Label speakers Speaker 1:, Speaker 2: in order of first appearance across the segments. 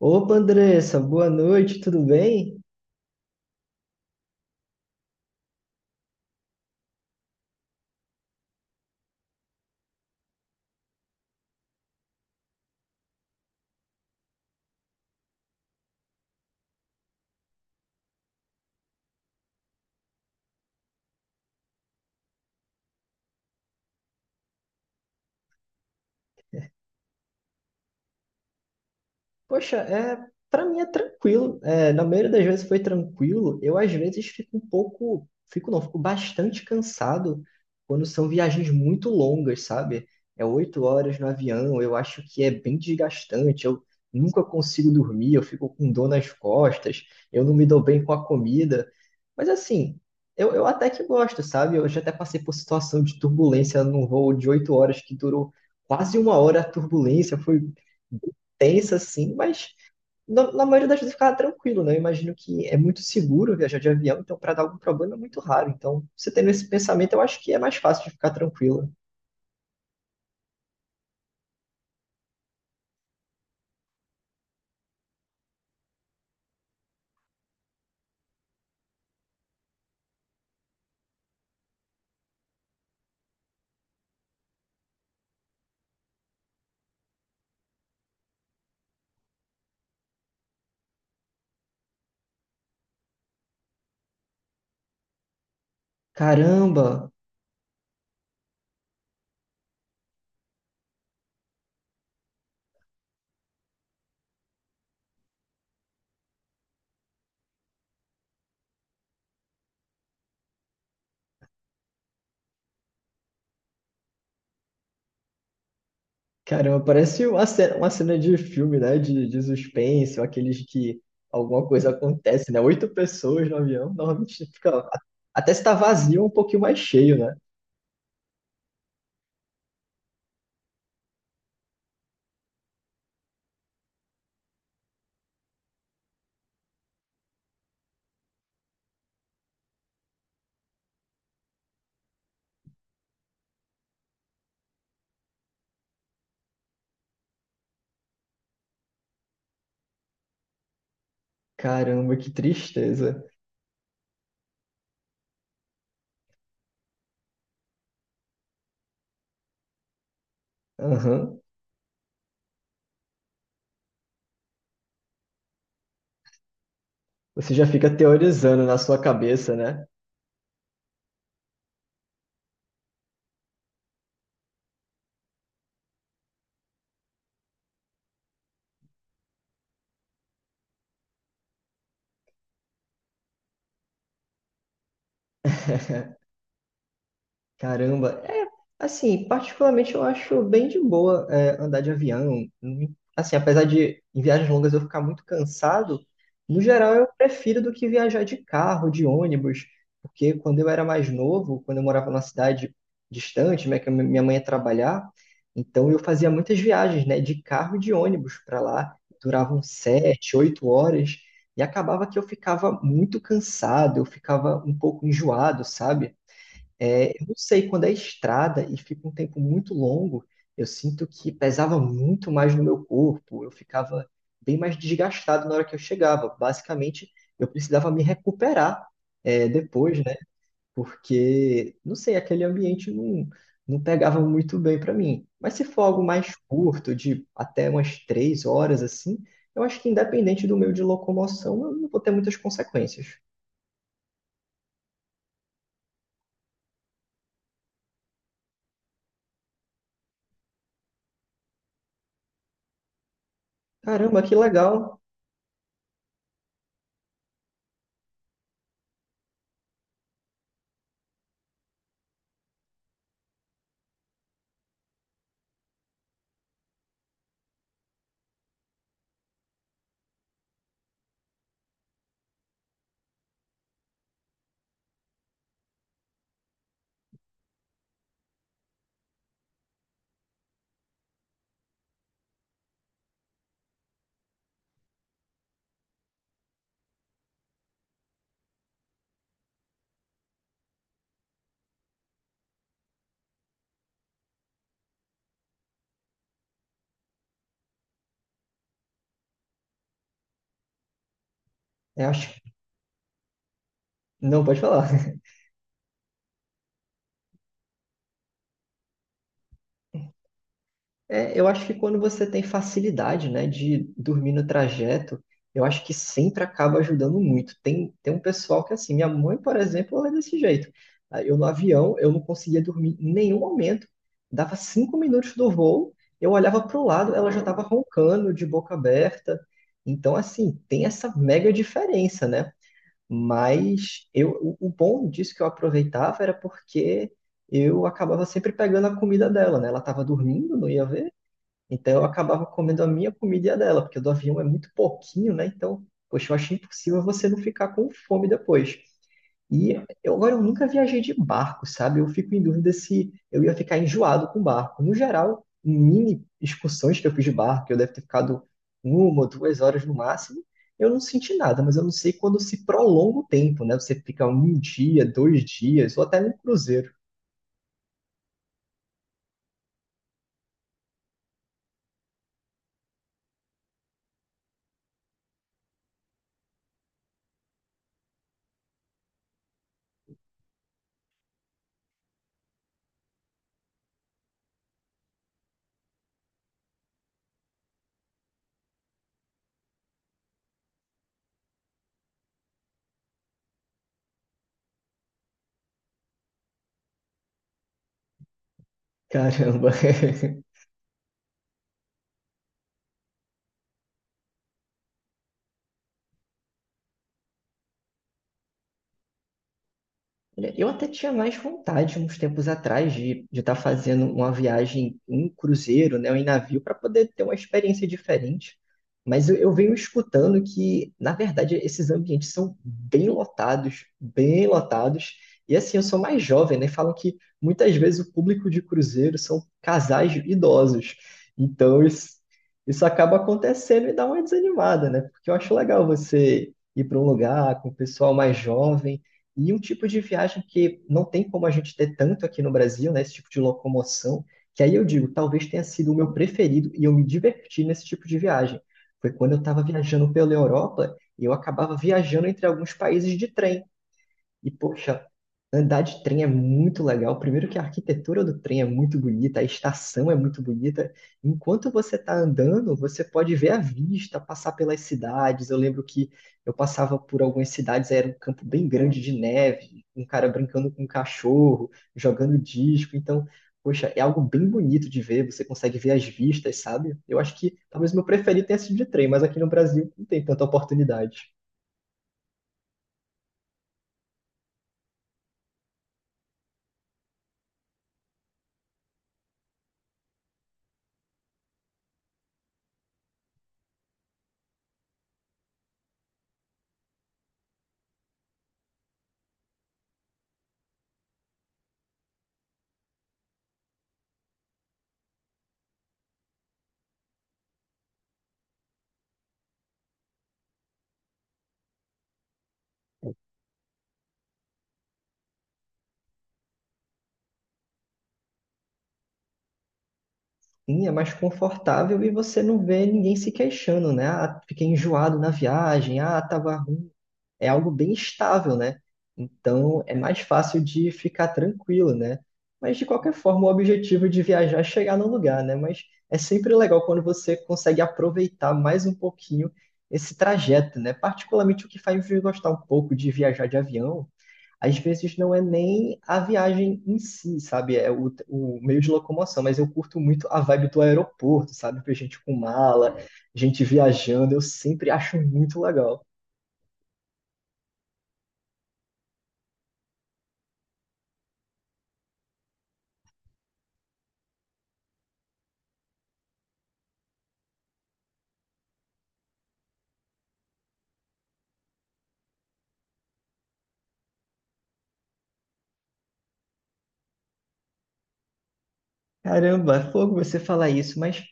Speaker 1: Opa, Andressa, boa noite, tudo bem? Poxa, é, para mim é tranquilo. É, na maioria das vezes foi tranquilo. Eu às vezes fico um pouco, fico não, fico bastante cansado quando são viagens muito longas, sabe? É oito horas no avião, eu acho que é bem desgastante. Eu nunca consigo dormir, eu fico com dor nas costas, eu não me dou bem com a comida. Mas assim, eu até que gosto, sabe? Eu já até passei por situação de turbulência num voo de 8 horas que durou quase uma hora a turbulência, foi tensa, assim, mas na maioria das vezes eu ficava tranquilo, né? Eu imagino que é muito seguro viajar de avião, então para dar algum problema é muito raro. Então, você tendo esse pensamento, eu acho que é mais fácil de ficar tranquilo. Caramba, caramba, parece uma cena de filme, né? De suspense, ou aqueles que alguma coisa acontece, né? Oito pessoas no avião, normalmente fica. Até se tá vazio, é um pouquinho mais cheio, né? Caramba, que tristeza. Aham. Você já fica teorizando na sua cabeça, né? Caramba, é assim, particularmente eu acho bem de boa é, andar de avião. Hum. Assim, apesar de em viagens longas eu ficar muito cansado, no geral eu prefiro do que viajar de carro, de ônibus, porque quando eu era mais novo, quando eu morava numa cidade distante, né, que a minha mãe ia trabalhar, então eu fazia muitas viagens, né, de carro e de ônibus para lá, duravam 7, 8 horas, e acabava que eu ficava muito cansado, eu ficava um pouco enjoado, sabe? É, eu não sei, quando é estrada e fica um tempo muito longo, eu sinto que pesava muito mais no meu corpo, eu ficava bem mais desgastado na hora que eu chegava. Basicamente, eu precisava me recuperar, é, depois, né? Porque, não sei, aquele ambiente não, não pegava muito bem para mim. Mas se for algo mais curto, de até umas 3 horas assim, eu acho que independente do meio de locomoção, eu não vou ter muitas consequências. Caramba, que legal! Eu acho... Não, pode falar. É, eu acho que quando você tem facilidade, né, de dormir no trajeto, eu acho que sempre acaba ajudando muito. Tem um pessoal que, assim, minha mãe, por exemplo, ela é desse jeito. Ah, eu no avião, eu não conseguia dormir em nenhum momento. Dava 5 minutos do voo, eu olhava para o lado, ela já estava roncando, de boca aberta. Então, assim, tem essa mega diferença, né? Mas eu, o bom disso que eu aproveitava era porque eu acabava sempre pegando a comida dela, né? Ela estava dormindo, não ia ver, então eu acabava comendo a minha comida e a dela, porque a do avião é muito pouquinho, né? Então, poxa, eu achei impossível você não ficar com fome depois. E eu, agora eu nunca viajei de barco, sabe? Eu fico em dúvida se eu ia ficar enjoado com barco. No geral, mini excursões que eu fiz de barco, eu deve ter ficado uma ou 2 horas no máximo, eu não senti nada, mas eu não sei quando se prolonga o tempo, né? Você fica um dia, dois dias, ou até num cruzeiro. Caramba. Olha, eu até tinha mais vontade uns tempos atrás de estar fazendo uma viagem em cruzeiro, né, ou em navio, para poder ter uma experiência diferente. Mas eu venho escutando que, na verdade, esses ambientes são bem lotados, bem lotados. E assim, eu sou mais jovem, né? Falam que muitas vezes o público de cruzeiro são casais idosos. Então isso acaba acontecendo e dá uma desanimada, né? Porque eu acho legal você ir para um lugar com o pessoal mais jovem. E um tipo de viagem que não tem como a gente ter tanto aqui no Brasil, né? Esse tipo de locomoção, que aí eu digo, talvez tenha sido o meu preferido e eu me diverti nesse tipo de viagem. Foi quando eu estava viajando pela Europa e eu acabava viajando entre alguns países de trem. E, poxa, andar de trem é muito legal. Primeiro que a arquitetura do trem é muito bonita, a estação é muito bonita. Enquanto você está andando, você pode ver a vista, passar pelas cidades. Eu lembro que eu passava por algumas cidades, era um campo bem grande de neve, um cara brincando com um cachorro, jogando disco. Então, poxa, é algo bem bonito de ver. Você consegue ver as vistas, sabe? Eu acho que talvez meu preferido tenha sido de trem, mas aqui no Brasil não tem tanta oportunidade. Sim, é mais confortável e você não vê ninguém se queixando, né? Ah, fiquei enjoado na viagem, ah, tava ruim. É algo bem estável, né? Então é mais fácil de ficar tranquilo, né? Mas de qualquer forma, o objetivo de viajar é chegar no lugar, né? Mas é sempre legal quando você consegue aproveitar mais um pouquinho esse trajeto, né? Particularmente o que faz me gostar um pouco de viajar de avião às vezes não é nem a viagem em si, sabe? É o meio de locomoção, mas eu curto muito a vibe do aeroporto, sabe? Ver gente com mala, gente viajando, eu sempre acho muito legal. Caramba, é fogo você falar isso, mas,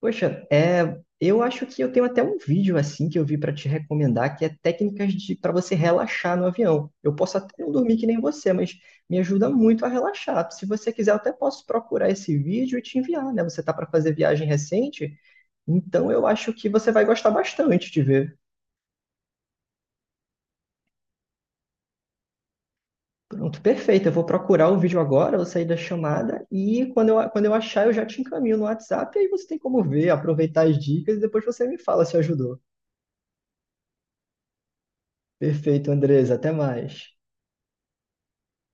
Speaker 1: poxa, é, eu acho que eu tenho até um vídeo assim que eu vi para te recomendar, que é técnicas de para você relaxar no avião. Eu posso até não dormir que nem você, mas me ajuda muito a relaxar. Se você quiser, eu até posso procurar esse vídeo e te enviar, né? Você tá para fazer viagem recente? Então eu acho que você vai gostar bastante de ver. Pronto, perfeito. Eu vou procurar o vídeo agora, vou sair da chamada e quando eu achar eu já te encaminho no WhatsApp e aí você tem como ver, aproveitar as dicas e depois você me fala se ajudou. Perfeito, Andresa. Até mais.